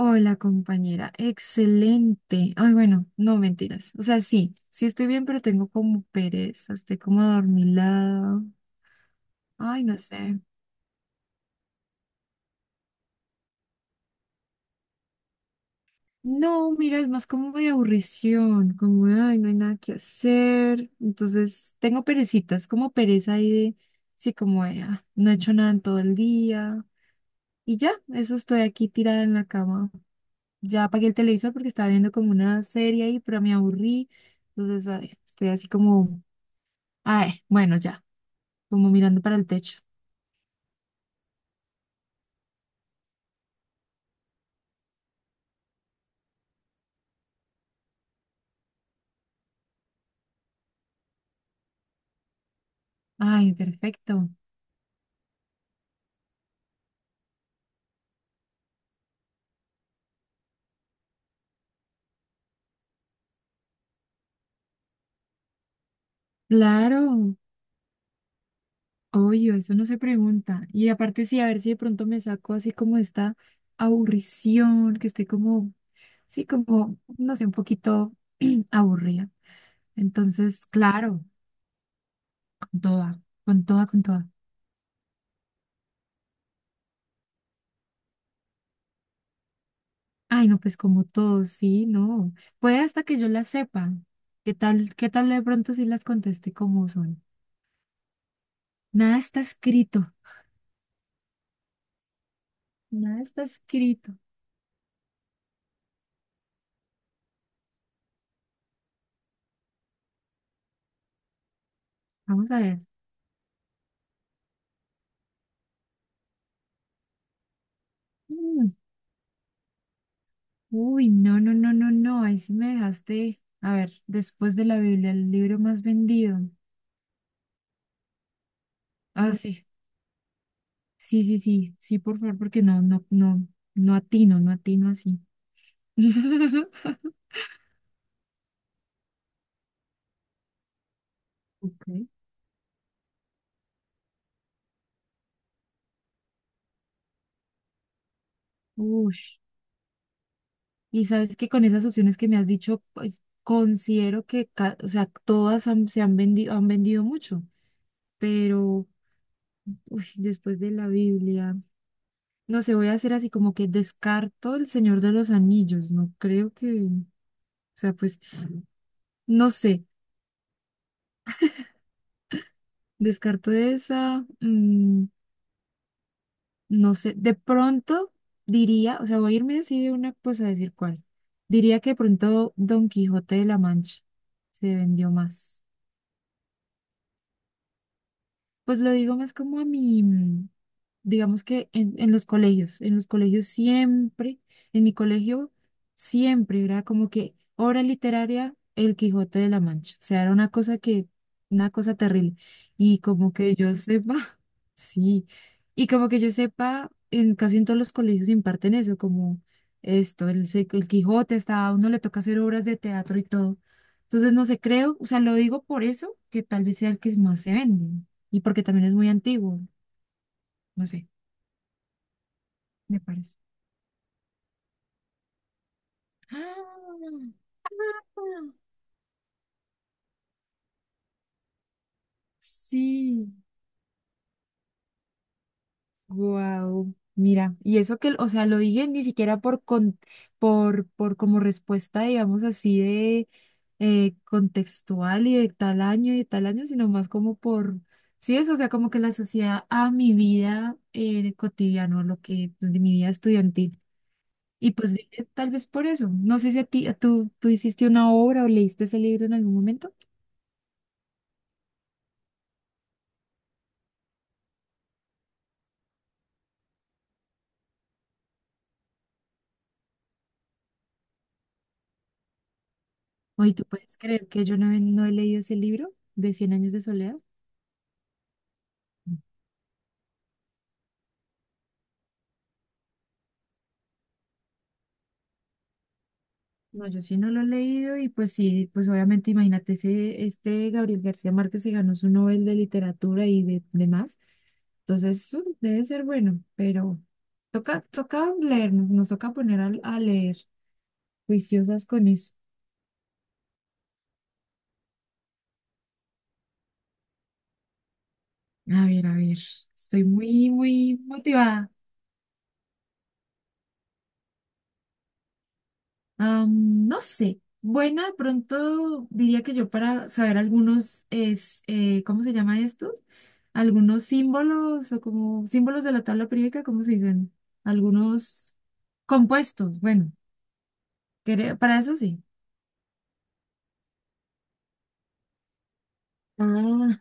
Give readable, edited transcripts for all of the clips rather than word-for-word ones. Hola, compañera. Excelente. Ay, bueno, no mentiras. O sea, sí, sí estoy bien, pero tengo como pereza, estoy como adormilada. Ay, no sé. No, mira, es más como de aburrición, como, de, ay, no hay nada que hacer. Entonces, tengo perecitas, como pereza ahí de, sí, como, de, ah, no he hecho nada en todo el día. Y ya, eso estoy aquí tirada en la cama. Ya apagué el televisor porque estaba viendo como una serie ahí, pero me aburrí. Entonces, ay, estoy así como... Ay, bueno, ya, como mirando para el techo. Ay, perfecto. Claro, obvio, eso no se pregunta. Y aparte sí, a ver si de pronto me saco así como esta aburrición, que estoy como, sí, como, no sé, un poquito aburrida. Entonces, claro, con toda, con toda, con toda. Ay, no, pues como todo, sí, no. Puede hasta que yo las sepa. Qué tal de pronto si las contesté como son? Nada está escrito, nada está escrito. Vamos a ver. Mm. Uy, no, no, no, no, no, ahí sí me dejaste, a ver, después de la Biblia, el libro más vendido. Ah, mm, sí, sí, sí, sí, sí, por favor, porque no, no, no, no atino, no atino así. Ok. Uy, y sabes que con esas opciones que me has dicho, pues considero que, o sea, todas se han vendido mucho, pero uy, después de la Biblia, no sé, voy a hacer así como que descarto El Señor de los Anillos, no creo que, o sea, pues... No sé, descarto esa, no sé, de pronto diría, o sea, voy a irme así de una, pues a decir cuál. Diría que de pronto Don Quijote de la Mancha se vendió más. Pues lo digo más como a mi, digamos que en los colegios, en los colegios siempre, en mi colegio siempre era como que obra literaria El Quijote de la Mancha, o sea, era una cosa que, una cosa terrible. Y como que yo sepa, sí, y como que yo sepa, en casi en todos los colegios imparten eso, como esto, el, el Quijote, hasta a uno le toca hacer obras de teatro y todo. Entonces, no sé, creo, o sea, lo digo por eso, que tal vez sea el que más se vende. Y porque también es muy antiguo. No sé, me parece. ¡Ah! ¡Ah! Sí, wow. Mira, y eso que, o sea, lo dije ni siquiera por como respuesta, digamos así, de contextual y de tal año y de tal año, sino más como por, sí, eso, o sea, como que la sociedad a mi vida cotidiana, lo que, pues, de mi vida estudiantil. Y pues dije, tal vez por eso. No sé si a tú hiciste una obra o leíste ese libro en algún momento. Oye, ¿tú puedes creer que yo no he leído ese libro de Cien años de soledad? No, yo sí no lo he leído y pues sí, pues obviamente imagínate, este Gabriel García Márquez se ganó su Nobel de Literatura y de demás, entonces eso debe ser bueno, pero toca, toca leer, nos toca poner a leer, juiciosas con eso. A ver, estoy muy, muy motivada. No sé. Buena, de pronto diría que yo para saber algunos, es, ¿cómo se llama estos? Algunos símbolos o como símbolos de la tabla periódica, ¿cómo se dicen? Algunos compuestos. Bueno, para eso sí. Ah,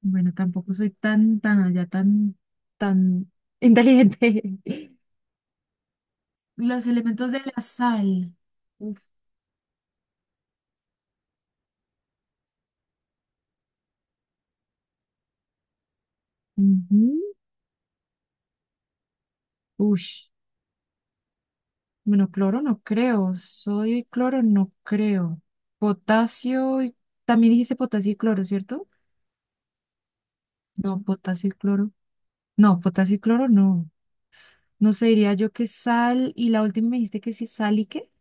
bueno, tampoco soy tan, tan allá, tan, tan inteligente. Los elementos de la sal. Uf. Ujú. Ush. Bueno, cloro no creo, sodio y cloro no creo. Potasio y... También dijiste potasio y cloro, ¿cierto? No, potasio y cloro. No, potasio y cloro no. No sé, diría yo que sal y la última me dijiste que sí, sal y qué.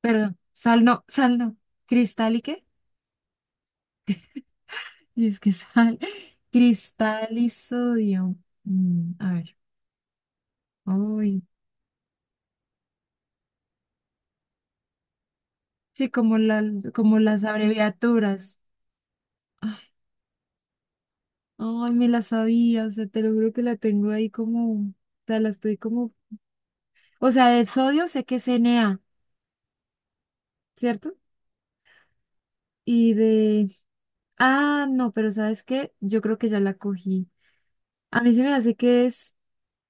Perdón, sal no, sal no. Cristal y qué. Y es que sal. Cristal y sodio. A ver. Uy. Sí, como, como las abreviaturas. Ay, ay, me la sabía, o sea, te lo juro que la tengo ahí como, o sea, la estoy como... O sea, del sodio sé que es Na, ¿cierto? Y de... Ah, no, pero ¿sabes qué? Yo creo que ya la cogí. A mí se me hace que es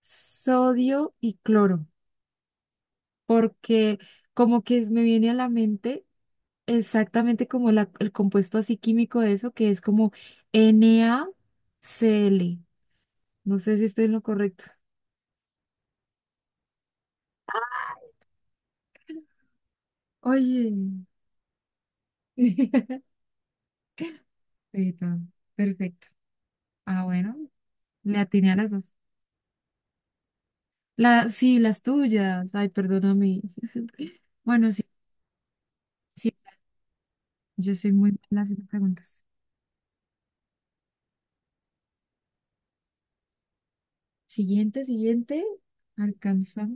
sodio y cloro, porque como que me viene a la mente exactamente como el compuesto así químico de eso, que es como NaCl. No sé si estoy en lo correcto. Oye. Perfecto. Perfecto. Ah, bueno, le atiné a las dos. Sí, las tuyas. Ay, perdóname. Bueno, sí, sí, yo soy muy mala haciendo preguntas. Siguiente, siguiente. Alcanza.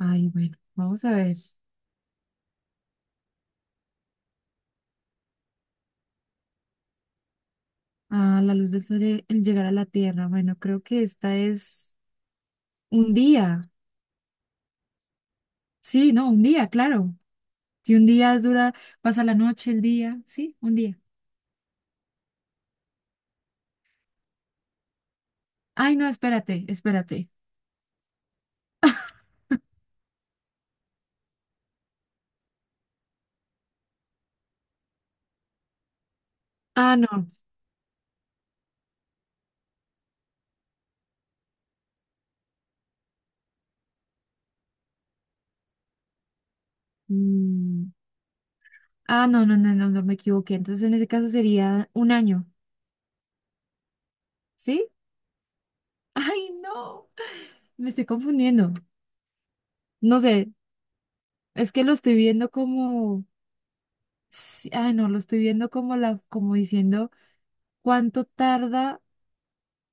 Ay, bueno, vamos a ver. La luz del sol, el llegar a la Tierra. Bueno, creo que esta es un día. Sí, no, un día, claro. Si un día es dura, pasa la noche, el día. Sí, un día. Ay, no, espérate, espérate. Ah, no. Mm, Ah, no, no, no, no, no me equivoqué. Entonces, en ese caso sería un año. ¿Sí? Ay, no, me estoy confundiendo. No sé, es que lo estoy viendo como, sí, ay, no, lo estoy viendo como la, como diciendo cuánto tarda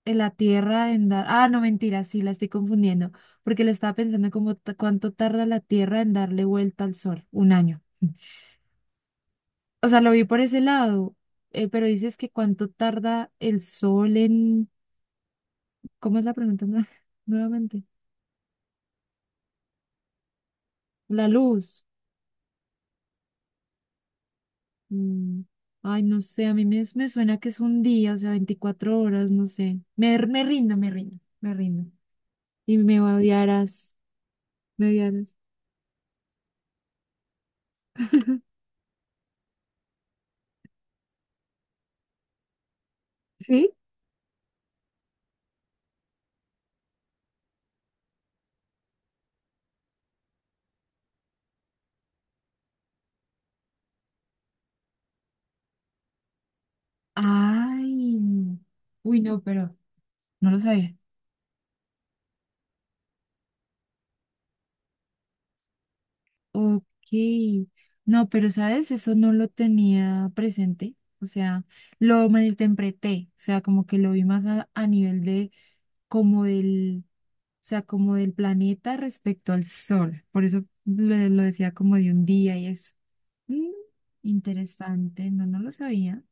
en la Tierra en dar. Ah, no, mentira, sí, la estoy confundiendo, porque le estaba pensando como cuánto tarda la Tierra en darle vuelta al Sol, un año. O sea, lo vi por ese lado, pero dices que cuánto tarda el Sol en, ¿cómo es la pregunta? Nuevamente, la luz. Mm, Ay, no sé, a mí me suena que es un día, o sea, 24 horas, no sé. Me rindo, me rindo, me rindo. Y me odiarás, me odiarás. ¿Sí? Ay, no. Uy, no, pero no lo sabía. Ok, no, pero sabes, eso no lo tenía presente, o sea, lo malinterpreté, o sea, como que lo vi más a nivel de como del, sea, como del planeta respecto al Sol. Por eso lo decía como de un día y eso. Mm, Interesante, no, no lo sabía.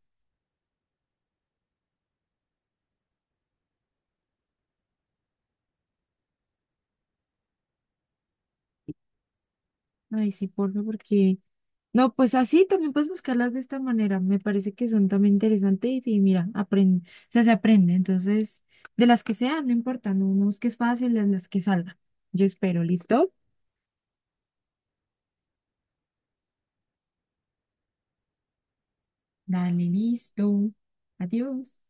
Ay, sí, porfa, porque... No, pues así también puedes buscarlas de esta manera. Me parece que son también interesantes y sí, mira, aprende, o sea, se aprende. Entonces, de las que sean, no importa, no, no busques fácil, de las que salgan. Yo espero, ¿listo? Dale, listo. Adiós.